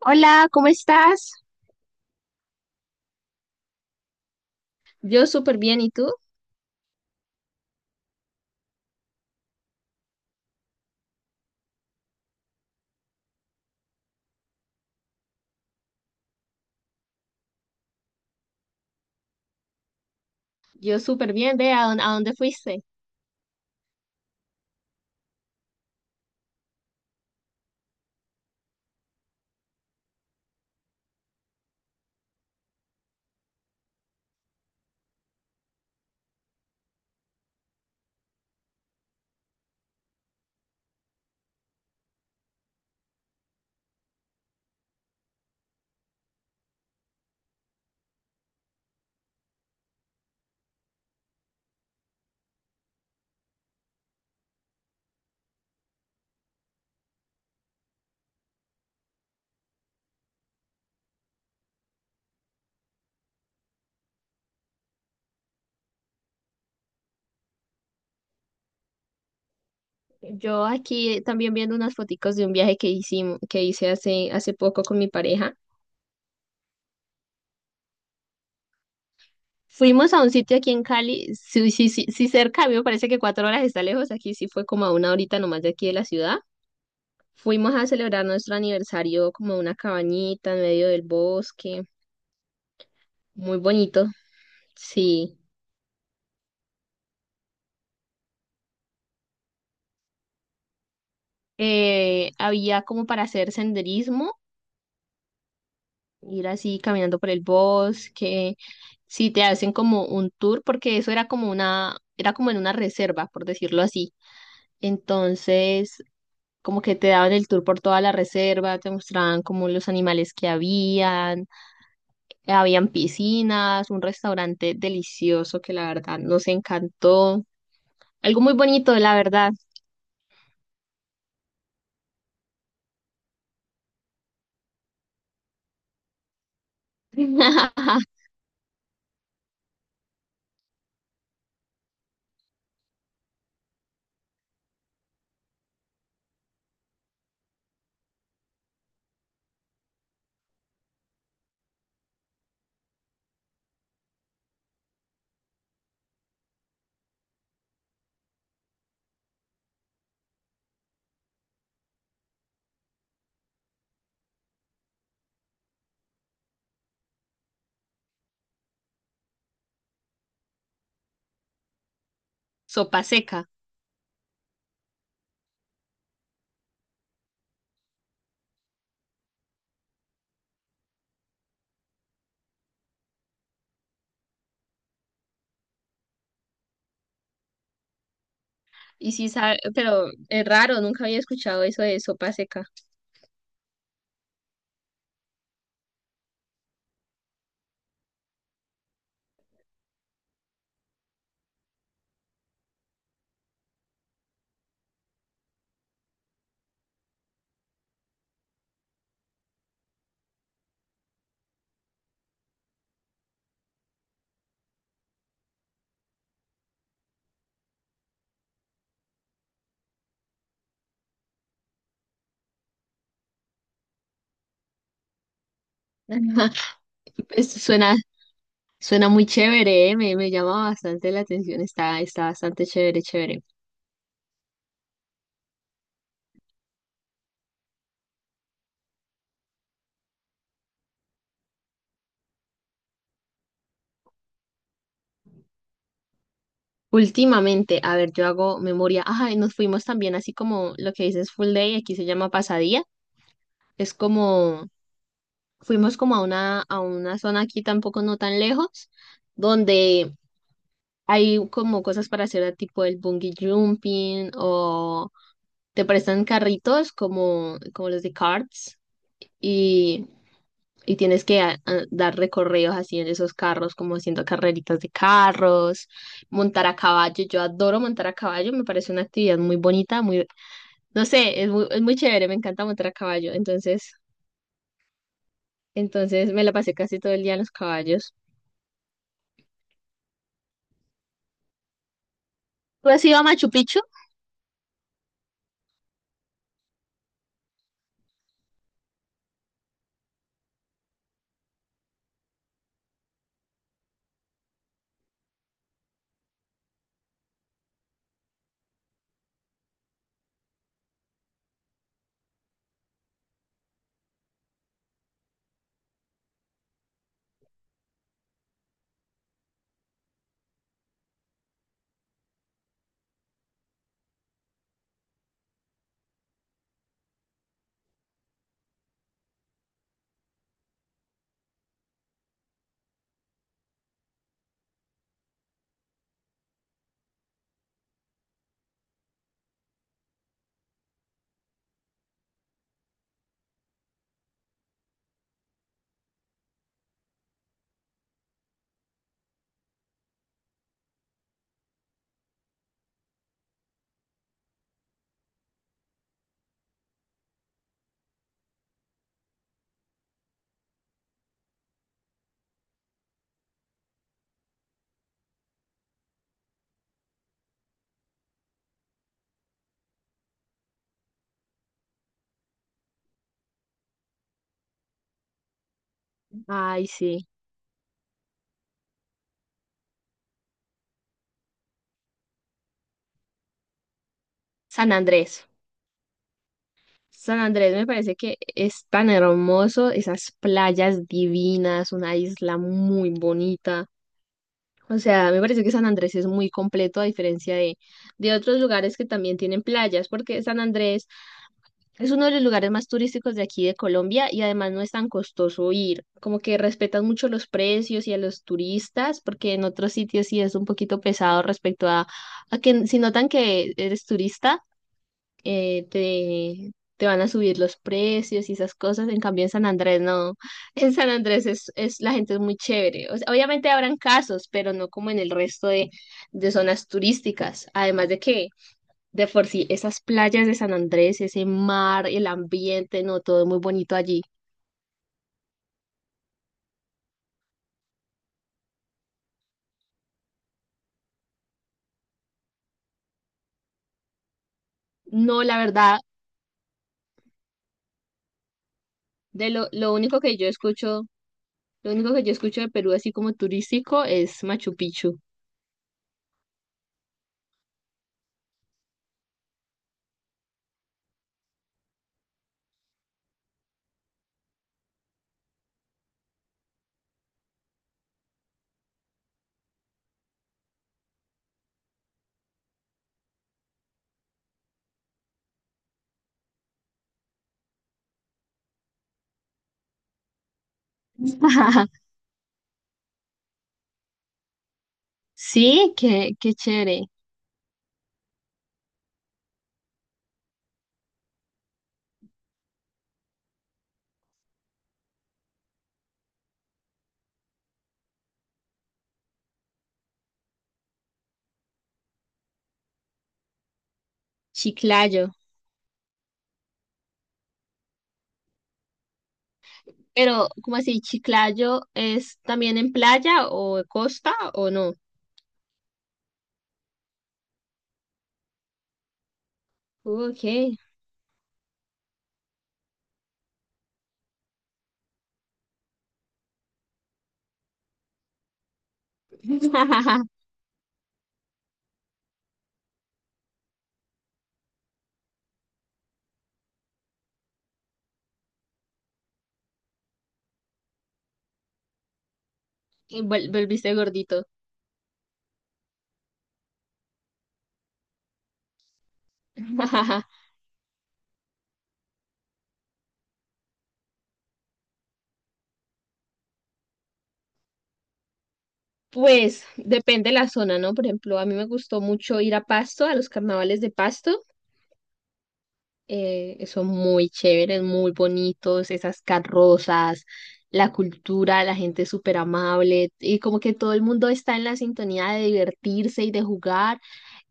Hola, ¿cómo estás? Yo súper bien, ¿y tú? Yo súper bien, ve a dónde fuiste. Yo aquí también viendo unas foticos de un viaje que hicimos, que hice hace poco con mi pareja. Fuimos a un sitio aquí en Cali, sí, sí, sí, sí cerca. A mí me parece que cuatro horas está lejos, aquí sí fue como a una horita nomás de aquí de la ciudad. Fuimos a celebrar nuestro aniversario como a una cabañita en medio del bosque, muy bonito, sí. Había como para hacer senderismo, ir así caminando por el bosque, si te hacen como un tour, porque eso era como una, era como en una reserva, por decirlo así. Entonces, como que te daban el tour por toda la reserva, te mostraban como los animales que habían, habían piscinas, un restaurante delicioso que la verdad nos encantó. Algo muy bonito, la verdad. Sopa seca. Y sí sabe, pero es raro, nunca había escuchado eso de sopa seca. Pues, Suena, Suena muy chévere, ¿eh? Me llama bastante la atención, está, está bastante chévere, chévere. Últimamente, a ver, yo hago memoria. Ajá, y nos fuimos también así como lo que dices full day, aquí se llama pasadía. Es como, fuimos como a una zona aquí tampoco no tan lejos, donde hay como cosas para hacer tipo el bungee jumping o te prestan carritos como, como los de carts. Y Y tienes que dar recorridos así en esos carros, como haciendo carreritas de carros, montar a caballo. Yo adoro montar a caballo, me parece una actividad muy bonita, muy, no sé, es muy chévere, me encanta montar a caballo. Entonces me la pasé casi todo el día en los caballos. ¿Tú has ido a Machu Picchu? Ay, sí. San Andrés. San Andrés me parece que es tan hermoso, esas playas divinas, una isla muy bonita. O sea, me parece que San Andrés es muy completo a diferencia de otros lugares que también tienen playas, porque San Andrés es uno de los lugares más turísticos de aquí de Colombia y además no es tan costoso ir. Como que respetan mucho los precios y a los turistas, porque en otros sitios sí es un poquito pesado respecto a que si notan que eres turista, te, te van a subir los precios y esas cosas. En cambio, en San Andrés no. En San Andrés es, la gente es muy chévere. O sea, obviamente habrán casos, pero no como en el resto de zonas turísticas. Además de que, de por sí, esas playas de San Andrés, ese mar, el ambiente, no, todo es muy bonito allí. No, la verdad, de lo único que yo escucho, lo único que yo escucho de Perú así como turístico es Machu Picchu. Sí, qué, qué chévere. Chiclayo. Pero, ¿cómo así? ¿Chiclayo es también en playa o costa o no? Ok. Y Volviste gordito. Pues depende de la zona, ¿no? Por ejemplo, a mí me gustó mucho ir a Pasto, a los carnavales de Pasto. Son muy chéveres, muy bonitos, esas carrozas, la cultura, la gente es súper amable y como que todo el mundo está en la sintonía de divertirse y de jugar.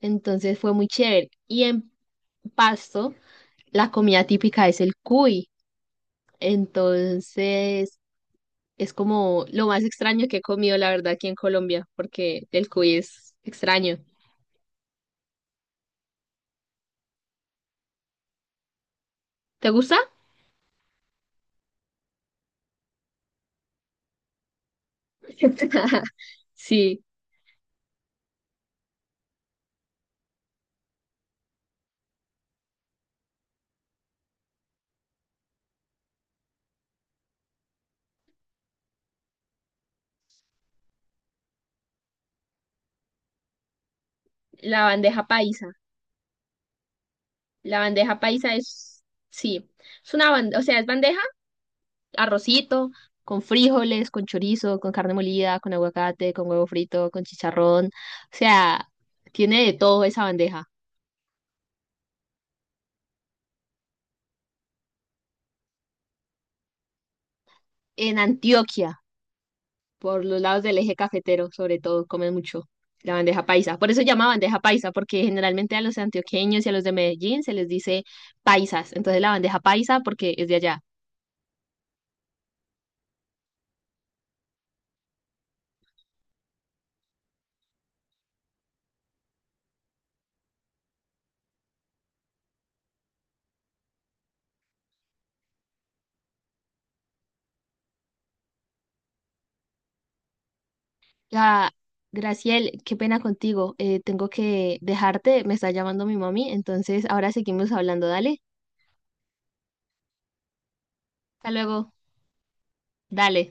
Entonces fue muy chévere. Y en Pasto, la comida típica es el cuy. Entonces, es como lo más extraño que he comido, la verdad, aquí en Colombia, porque el cuy es extraño. ¿Te gusta? Sí, la bandeja paisa. La bandeja paisa es, sí, es una bandeja, o sea, es bandeja, arrocito, con frijoles, con chorizo, con carne molida, con aguacate, con huevo frito, con chicharrón. O sea, tiene de todo esa bandeja. En Antioquia, por los lados del eje cafetero, sobre todo, comen mucho la bandeja paisa. Por eso se llama bandeja paisa, porque generalmente a los antioqueños y a los de Medellín se les dice paisas. Entonces la bandeja paisa porque es de allá. La Graciel, qué pena contigo. Tengo que dejarte, me está llamando mi mami, entonces ahora seguimos hablando. Dale, hasta luego. Dale.